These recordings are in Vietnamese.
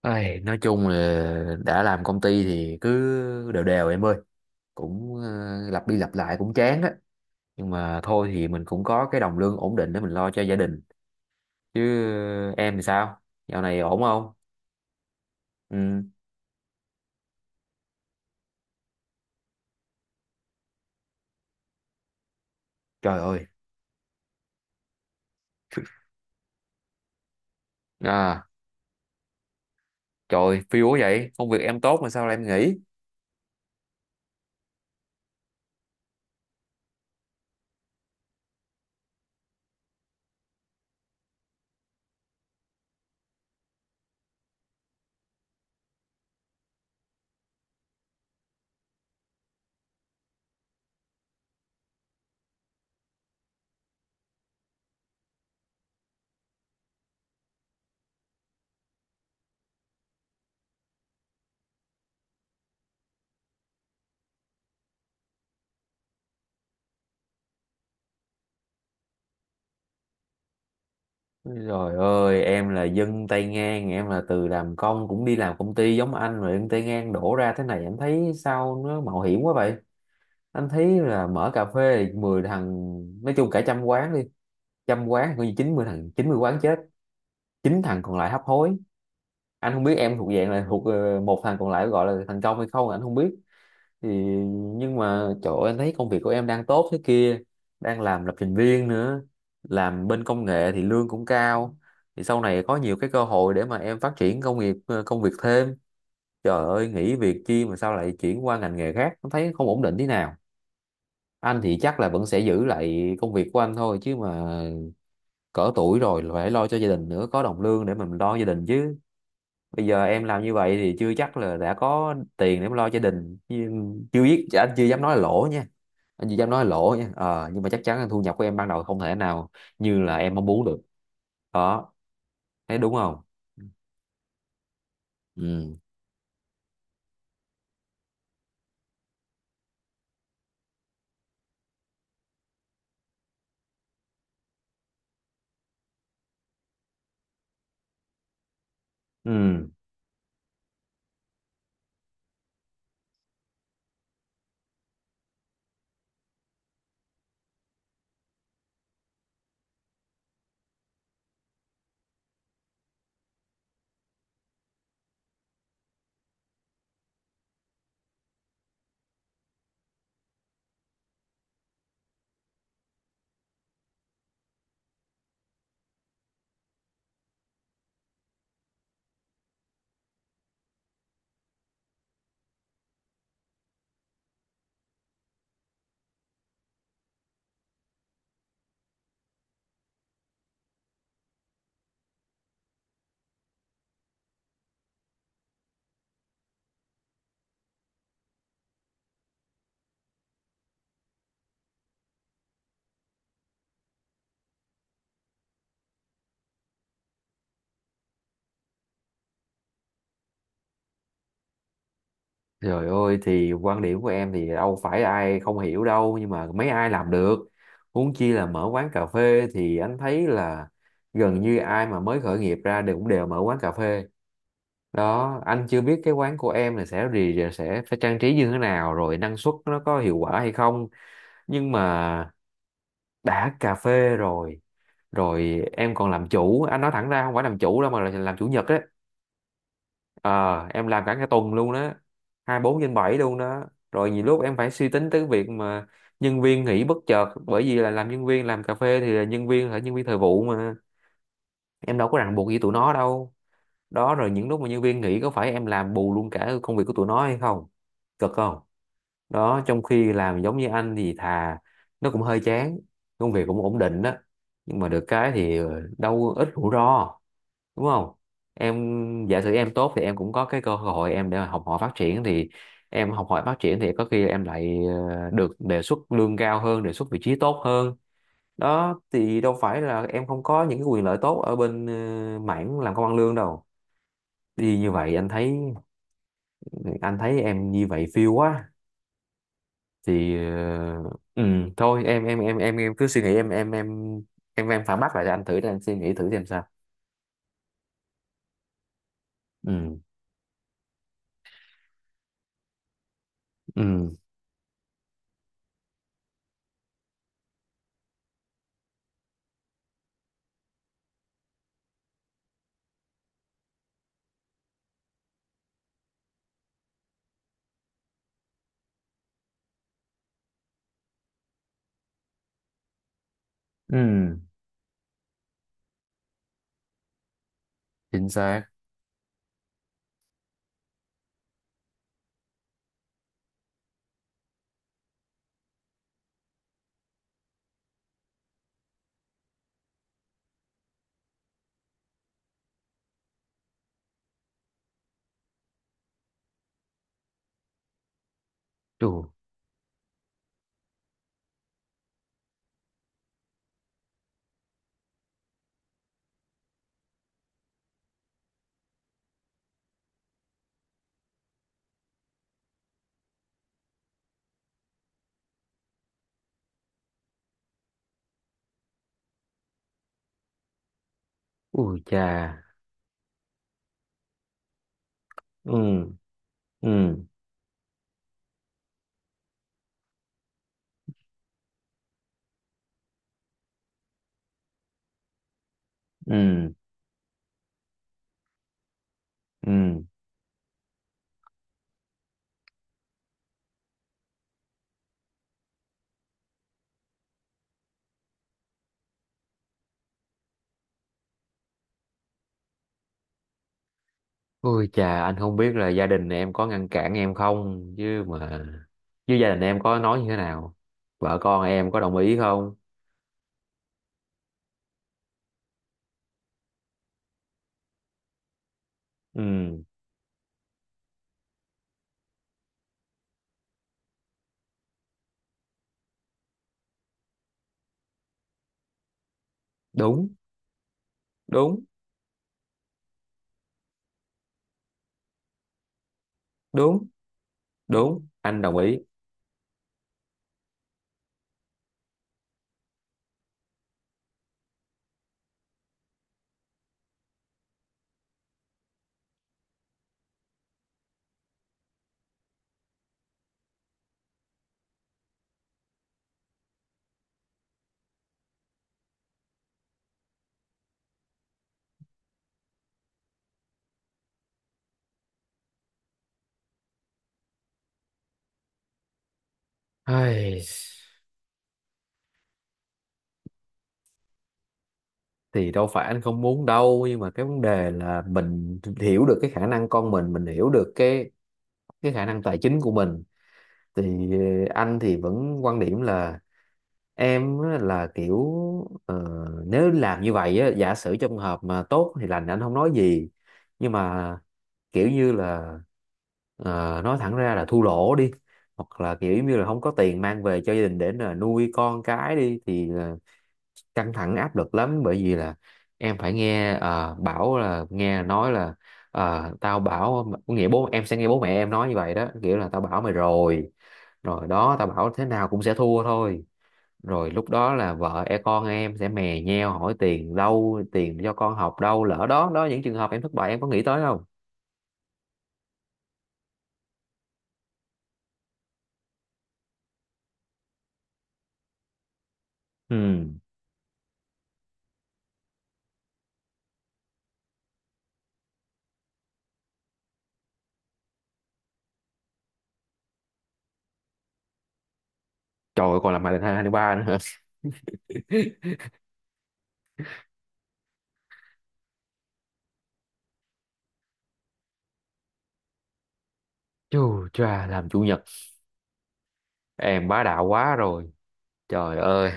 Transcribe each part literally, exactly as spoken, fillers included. Ai, nói chung là đã làm công ty thì cứ đều đều em ơi, cũng ờ, lặp đi lặp lại cũng chán á. Nhưng mà thôi thì mình cũng có cái đồng lương ổn định để mình lo cho gia đình chứ. Ờ, em thì sao, dạo này ổn không? Ừ. Trời ơi. À, trời phiêu quá vậy, công việc em tốt mà sao lại em nghỉ? Trời ơi, em là dân tay ngang, em là từ làm công cũng đi làm công ty giống anh rồi, dân tay ngang đổ ra thế này em thấy sao nó mạo hiểm quá vậy? Anh thấy là mở cà phê thì mười thằng, nói chung cả trăm quán đi, trăm quán coi như chín mươi thằng, chín mươi quán chết, chín thằng còn lại hấp hối. Anh không biết em thuộc dạng là thuộc ờ, một thằng còn lại gọi là thành công hay không, anh không biết. Thì nhưng mà trời ơi, anh thấy công việc của em đang tốt thế kia, đang làm lập trình viên nữa, làm bên công nghệ thì lương cũng cao, thì sau này có nhiều cái cơ hội để mà em phát triển công nghiệp, ờ, công việc thêm. Trời ơi, nghỉ việc chi mà sao lại chuyển qua ngành nghề khác, anh thấy không ổn định thế nào. Anh thì chắc là vẫn sẽ giữ lại công việc của anh thôi chứ mà, cỡ tuổi rồi là phải lo cho gia đình nữa, có đồng lương để mình lo gia đình chứ. Bây giờ em làm như vậy thì chưa chắc là đã có tiền để mà lo gia đình. Nhưng chưa biết, anh chưa dám nói là lỗ nha, anh chưa dám nói là lỗ nha. ờ, nhưng mà chắc chắn là thu nhập của em ban đầu không thể nào như là em mong muốn được đó, thấy đúng không? Ừ. Ừ. Trời ơi, thì quan điểm của em thì đâu phải ai không hiểu đâu, nhưng mà mấy ai làm được. Huống chi là mở quán cà phê, thì anh thấy là gần như ai mà mới khởi nghiệp ra đều cũng đều mở quán cà phê đó. Anh chưa biết cái quán của em là sẽ gì, sẽ phải trang trí như thế nào, rồi năng suất nó có hiệu quả hay không. Nhưng mà đã cà phê rồi, rồi em còn làm chủ, anh nói thẳng ra không phải làm chủ đâu mà là làm chủ nhật á. Ờ, em làm cả cái tuần luôn đó, hai mươi bốn trên bảy luôn đó. Rồi nhiều lúc em phải suy tính tới việc mà nhân viên nghỉ bất chợt, bởi vì là làm nhân viên làm cà phê thì là nhân viên là nhân viên thời vụ mà, em đâu có ràng buộc gì tụi nó đâu đó. Rồi những lúc mà nhân viên nghỉ có phải em làm bù luôn cả công việc của tụi nó hay không, cực không đó. Trong khi làm giống như anh thì thà, nó cũng hơi chán, công việc cũng ổn định đó, nhưng mà được cái thì ờ, đâu ít rủi ro, đúng không? Em giả sử em tốt thì em cũng có cái cơ hội em để mà học hỏi phát triển, thì em học hỏi phát triển thì có khi em lại ờ, được đề xuất lương cao hơn, đề xuất vị trí tốt hơn đó. Thì đâu phải là em không có những cái quyền lợi tốt ở bên ờ, mảng làm công ăn lương đâu. Đi như vậy anh thấy, anh thấy em như vậy phiêu quá thì ờ, ừ, thôi em em em em em cứ suy nghĩ, em em em em em phản bác lại cho anh thử để anh suy nghĩ thử xem sao. Ừ. Ừ. Ừ. Chính xác. Ừ. Ui chà. Ừ. Ừ. Ừ. Ừ. Ui chà, anh không biết là gia đình em có ngăn cản em không, chứ mà, chứ gia đình em có nói như thế nào, vợ con em có đồng ý không? Ừ, đúng, đúng, đúng, đúng, anh đồng ý. Ai, thì đâu phải anh không muốn đâu, nhưng mà cái vấn đề là mình hiểu được cái khả năng con mình, mình hiểu được cái cái khả năng tài chính của mình. Thì ờ, anh thì vẫn quan điểm là em á, là kiểu ờ, nếu làm như vậy á, giả sử trong trường hợp mà tốt thì lành anh không nói gì. Nhưng mà kiểu như là ờ, nói thẳng ra là thua lỗ đi, hoặc là kiểu như là không có tiền mang về cho gia đình để là nuôi con cái đi thì là căng thẳng áp lực lắm, bởi vì là em phải nghe ờ, bảo là nghe nói là ờ, tao bảo, có nghĩa bố em sẽ nghe bố mẹ em nói như vậy đó, kiểu là tao bảo mày rồi rồi đó tao bảo thế nào cũng sẽ thua thôi. Rồi lúc đó là vợ e con em sẽ mè nheo hỏi tiền đâu, tiền cho con học đâu, lỡ đó đó những trường hợp em thất bại em có nghĩ tới không? Ừ. Trời ơi, còn làm bài lần hai, hai ba nữa hả? Chù chà, làm chủ nhật em bá đạo quá rồi. Trời ơi.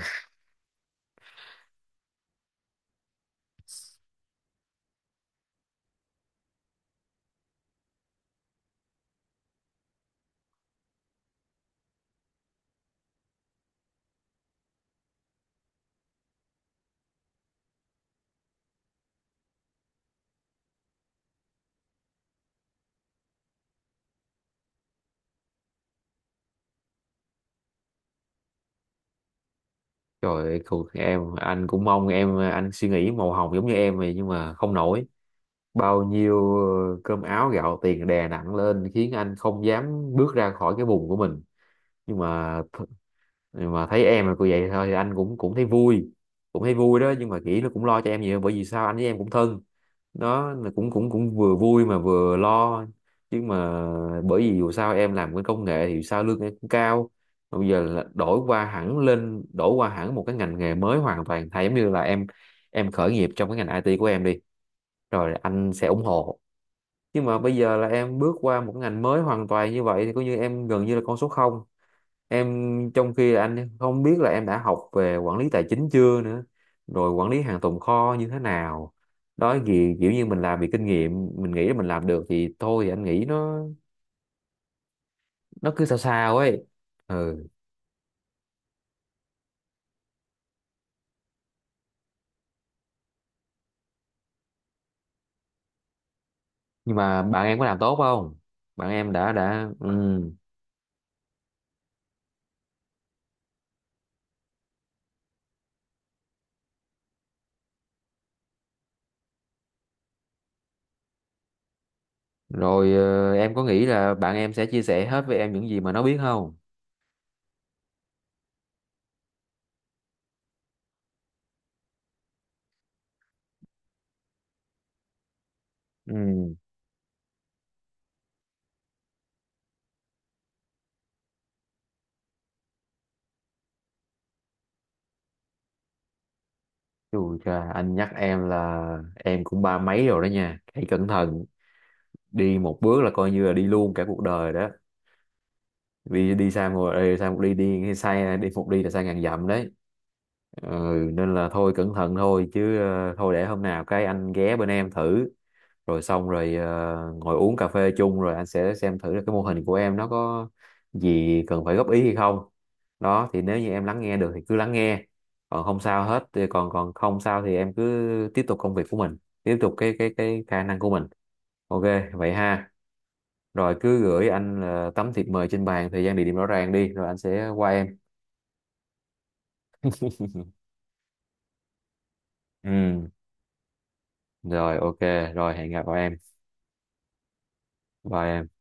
Trời ơi, cuộc em, anh cũng mong em, anh suy nghĩ màu hồng giống như em vậy nhưng mà không nổi, bao nhiêu ờ, cơm áo gạo tiền đè nặng lên khiến anh không dám bước ra khỏi cái vùng của mình. nhưng mà th- nhưng mà thấy em là cô vậy thôi thì anh cũng cũng thấy vui, cũng thấy vui đó. Nhưng mà nghĩ nó cũng lo cho em nhiều, bởi vì sao anh với em cũng thân, đó là cũng cũng cũng vừa vui mà vừa lo. Nhưng mà bởi vì dù sao em làm cái công nghệ thì sao lương em cũng cao. Mà bây giờ là đổi qua hẳn lên đổi qua hẳn một cái ngành nghề mới hoàn toàn thay, giống như là em em khởi nghiệp trong cái ngành i ti của em đi, rồi anh sẽ ủng hộ. Chứ mà bây giờ là em bước qua một ngành mới hoàn toàn như vậy thì coi như em gần như là con số không, em trong khi là anh không biết là em đã học về quản lý tài chính chưa nữa, rồi quản lý hàng tồn kho như thế nào đó gì, kiểu như mình làm vì kinh nghiệm mình nghĩ là mình làm được thì thôi, thì anh nghĩ nó nó cứ sao sao ấy. Ừ. Nhưng mà bạn em có làm tốt không, bạn em đã đã. Ừ. Rồi, ờ, em có nghĩ là bạn em sẽ chia sẻ hết với em những gì mà nó biết không? Ừ. Chù cha, anh nhắc em là em cũng ba mấy rồi đó nha. Hãy cẩn thận, đi một bước là coi như là đi luôn cả cuộc đời đó. Vì đi sai một, đi sai một, đi đi sai đi một đi là sai ngàn dặm đấy. Ừ, nên là thôi cẩn thận thôi chứ. ờ, Thôi, để hôm nào cái anh ghé bên em thử, rồi xong rồi ờ, ngồi uống cà phê chung, rồi anh sẽ xem thử là cái mô hình của em nó có gì cần phải góp ý hay không đó. Thì nếu như em lắng nghe được thì cứ lắng nghe, còn không sao hết thì còn còn không sao thì em cứ tiếp tục công việc của mình, tiếp tục cái cái cái khả năng của mình. OK, vậy ha. Rồi cứ gửi anh ờ, tấm thiệp mời trên bàn, thời gian địa điểm rõ ràng đi, rồi anh sẽ qua em. Ừ. Rồi. OK. Rồi, hẹn gặp em. Bye em.